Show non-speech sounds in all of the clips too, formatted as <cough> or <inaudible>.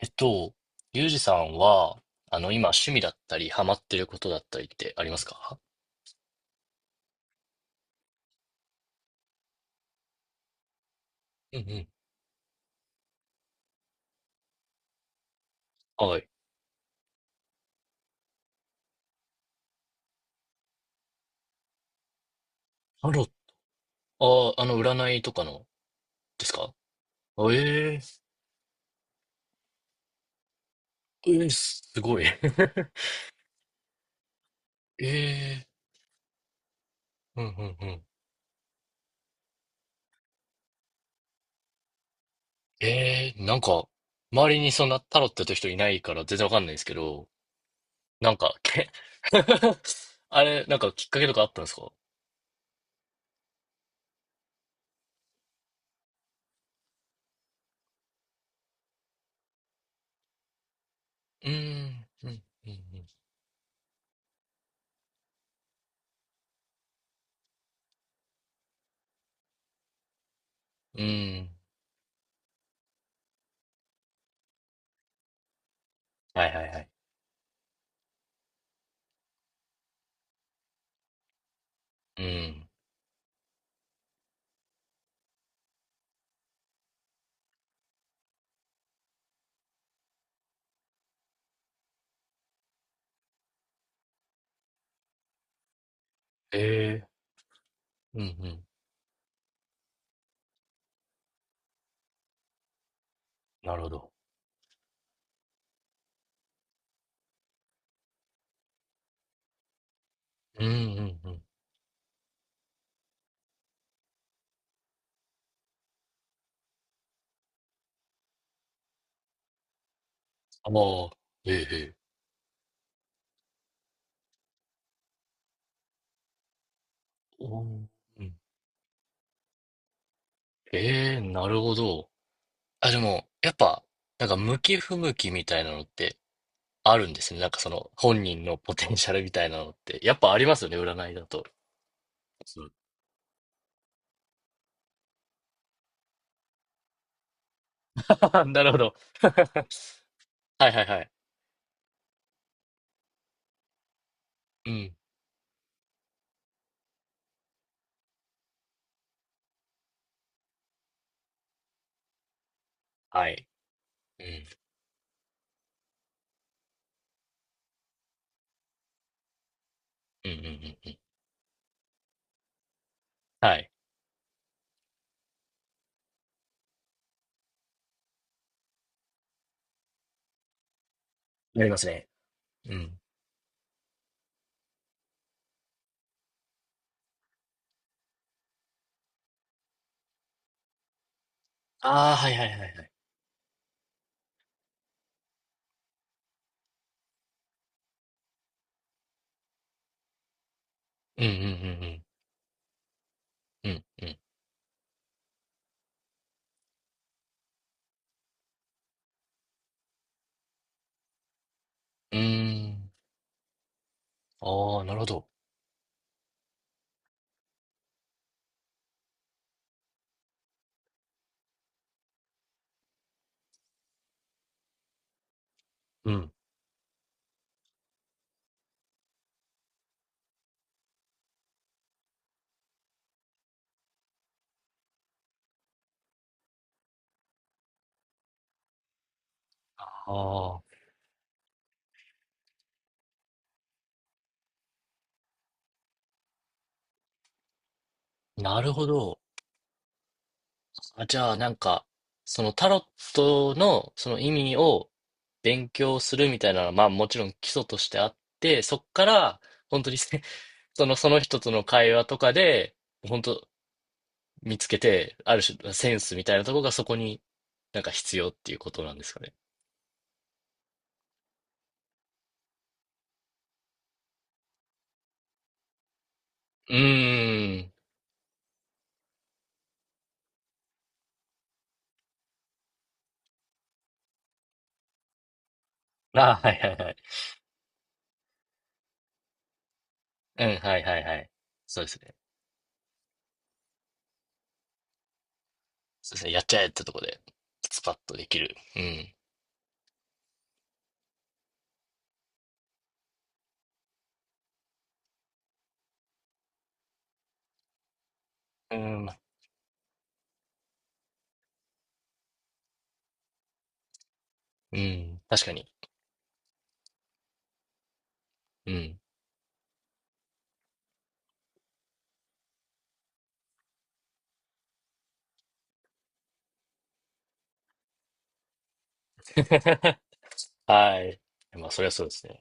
えっと、ゆうじさんは、今、趣味だったり、ハマってることだったりってありますか？うんうん。はい。タロット、ああ、占いとかの、ですか？あ、ええ、えーすごい。<laughs> えー、うんうんうん。なんか、周りにそんなタロットやってる人いないから全然わかんないんですけど、なんか、<laughs> あれ、なんかきっかけとかあったんですか？うーん、うん、うん、うん。うーん。はいはいはい。うん。ええーうんうん。なるほど。うんうんうん。ああ、ええええ。おーうん。ええ、なるほど。あ、でも、やっぱ、なんか、向き不向きみたいなのってあるんですね。なんか、その、本人のポテンシャルみたいなのって。やっぱありますよね、占いだと。そう。 <laughs> なるほど。<laughs> はいはいはい。うん。はい。うん。うんうんうん。うん、はい。なりますね。うん。ああ、はいはいはいはい。うんうんうんうん。うんうん。うーん。ああ、なるほど。うん。ああ、なるほど。あ、じゃあ、なんか、そのタロットのその意味を勉強するみたいなのは、まあもちろん基礎としてあって、そっから、本当に<laughs> その人との会話とかで、本当見つけて、ある種、センスみたいなところがそこになんか必要っていうことなんですかね？うーん。あ、はいはいはい。うん、はいはいはい。そうですね。そうですね。やっちゃえってとこで、スパッとできる。うん。うん。うん。確かに。うん。<laughs> はい。まあ、そりゃそうですね。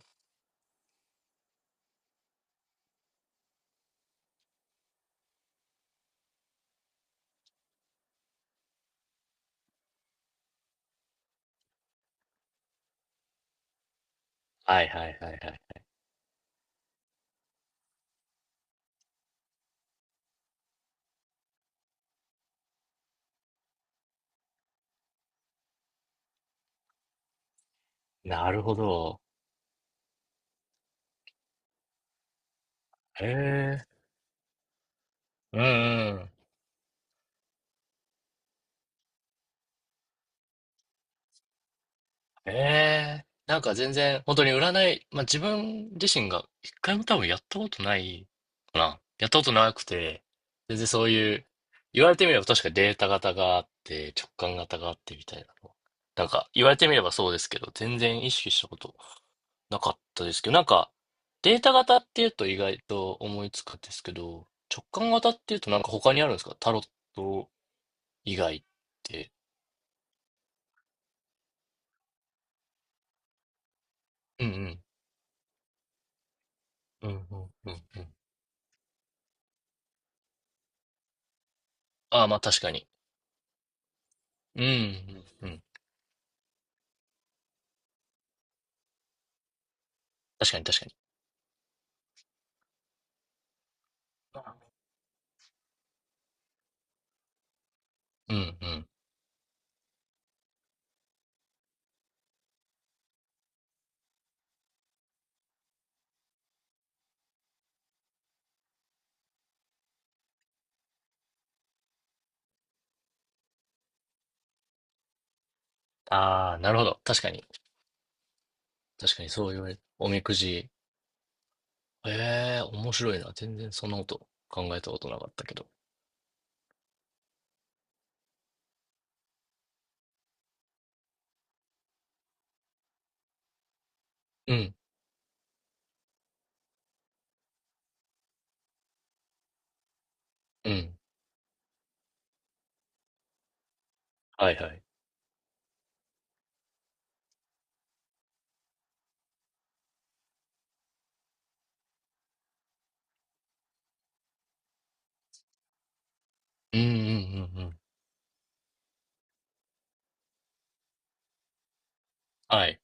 はいはいはいはい。なるほど。へえ。うんうん。へえ。なんか全然、本当に占い、まあ自分自身が一回も多分やったことないかな。やったことなくて、全然そういう、言われてみれば確かデータ型があって、直感型があってみたいなの。なんか言われてみればそうですけど、全然意識したことなかったですけど、なんか、データ型っていうと意外と思いつくんですけど、直感型っていうとなんか他にあるんですか、タロット以外って？うんうん。うんうんうんうん。ああ、まあ確かに。うんうんうん。確かに確かに。うんうん。ああ、なるほど。確かに。確かにそう言われる。おみくじ。ええ、面白いな。全然そんなこと考えたことなかったけど。うん、うん。はいはい。うんうんうんうん。はい。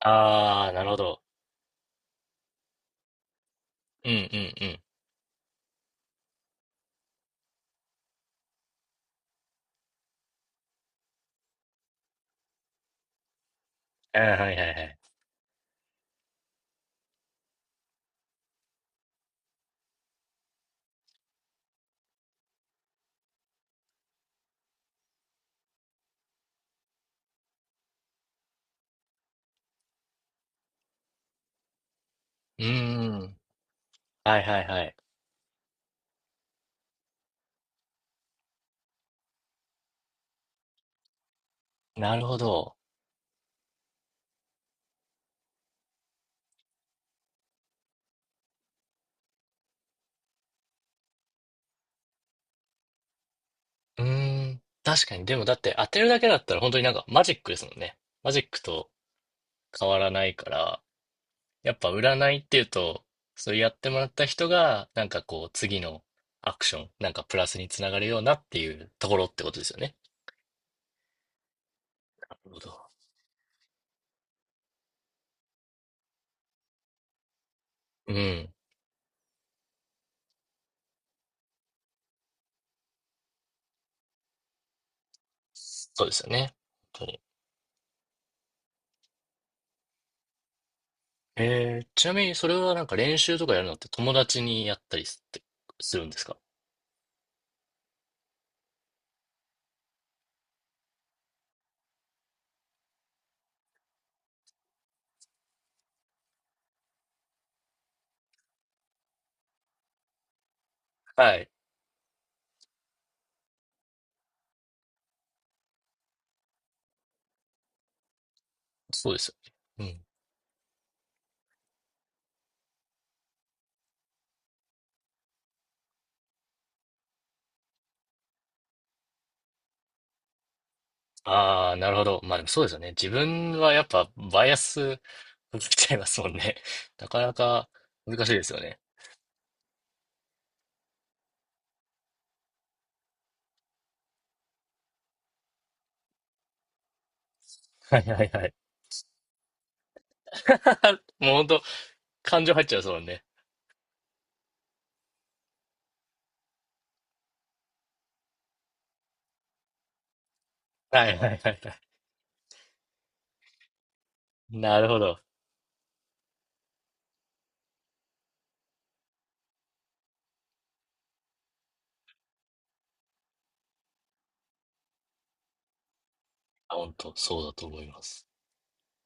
ああ、なるほど。うんうんうん。あ、はいはいはい。うーん。はいはいはい。なるほど。うーん。確かに、でもだって当てるだけだったら本当になんかマジックですもんね。マジックと変わらないから、やっぱ占いっていうと、それやってもらった人が、なんかこう次のアクション、なんかプラスにつながるようなっていうところってことですよね。なるほど。うん。そうですよね。本当に。ちなみにそれはなんか練習とかやるのって、友達にやったりすってするんですか？はい。そうですよね。ああ、なるほど。まあでもそうですよね。自分はやっぱバイアスかけちゃいますもんね。<laughs> なかなか難しいですよね。<laughs> はいはいはい。<laughs> もう本当、感情入っちゃいますもんね。はいはいはいはい。なるほど。本当そうだと思います。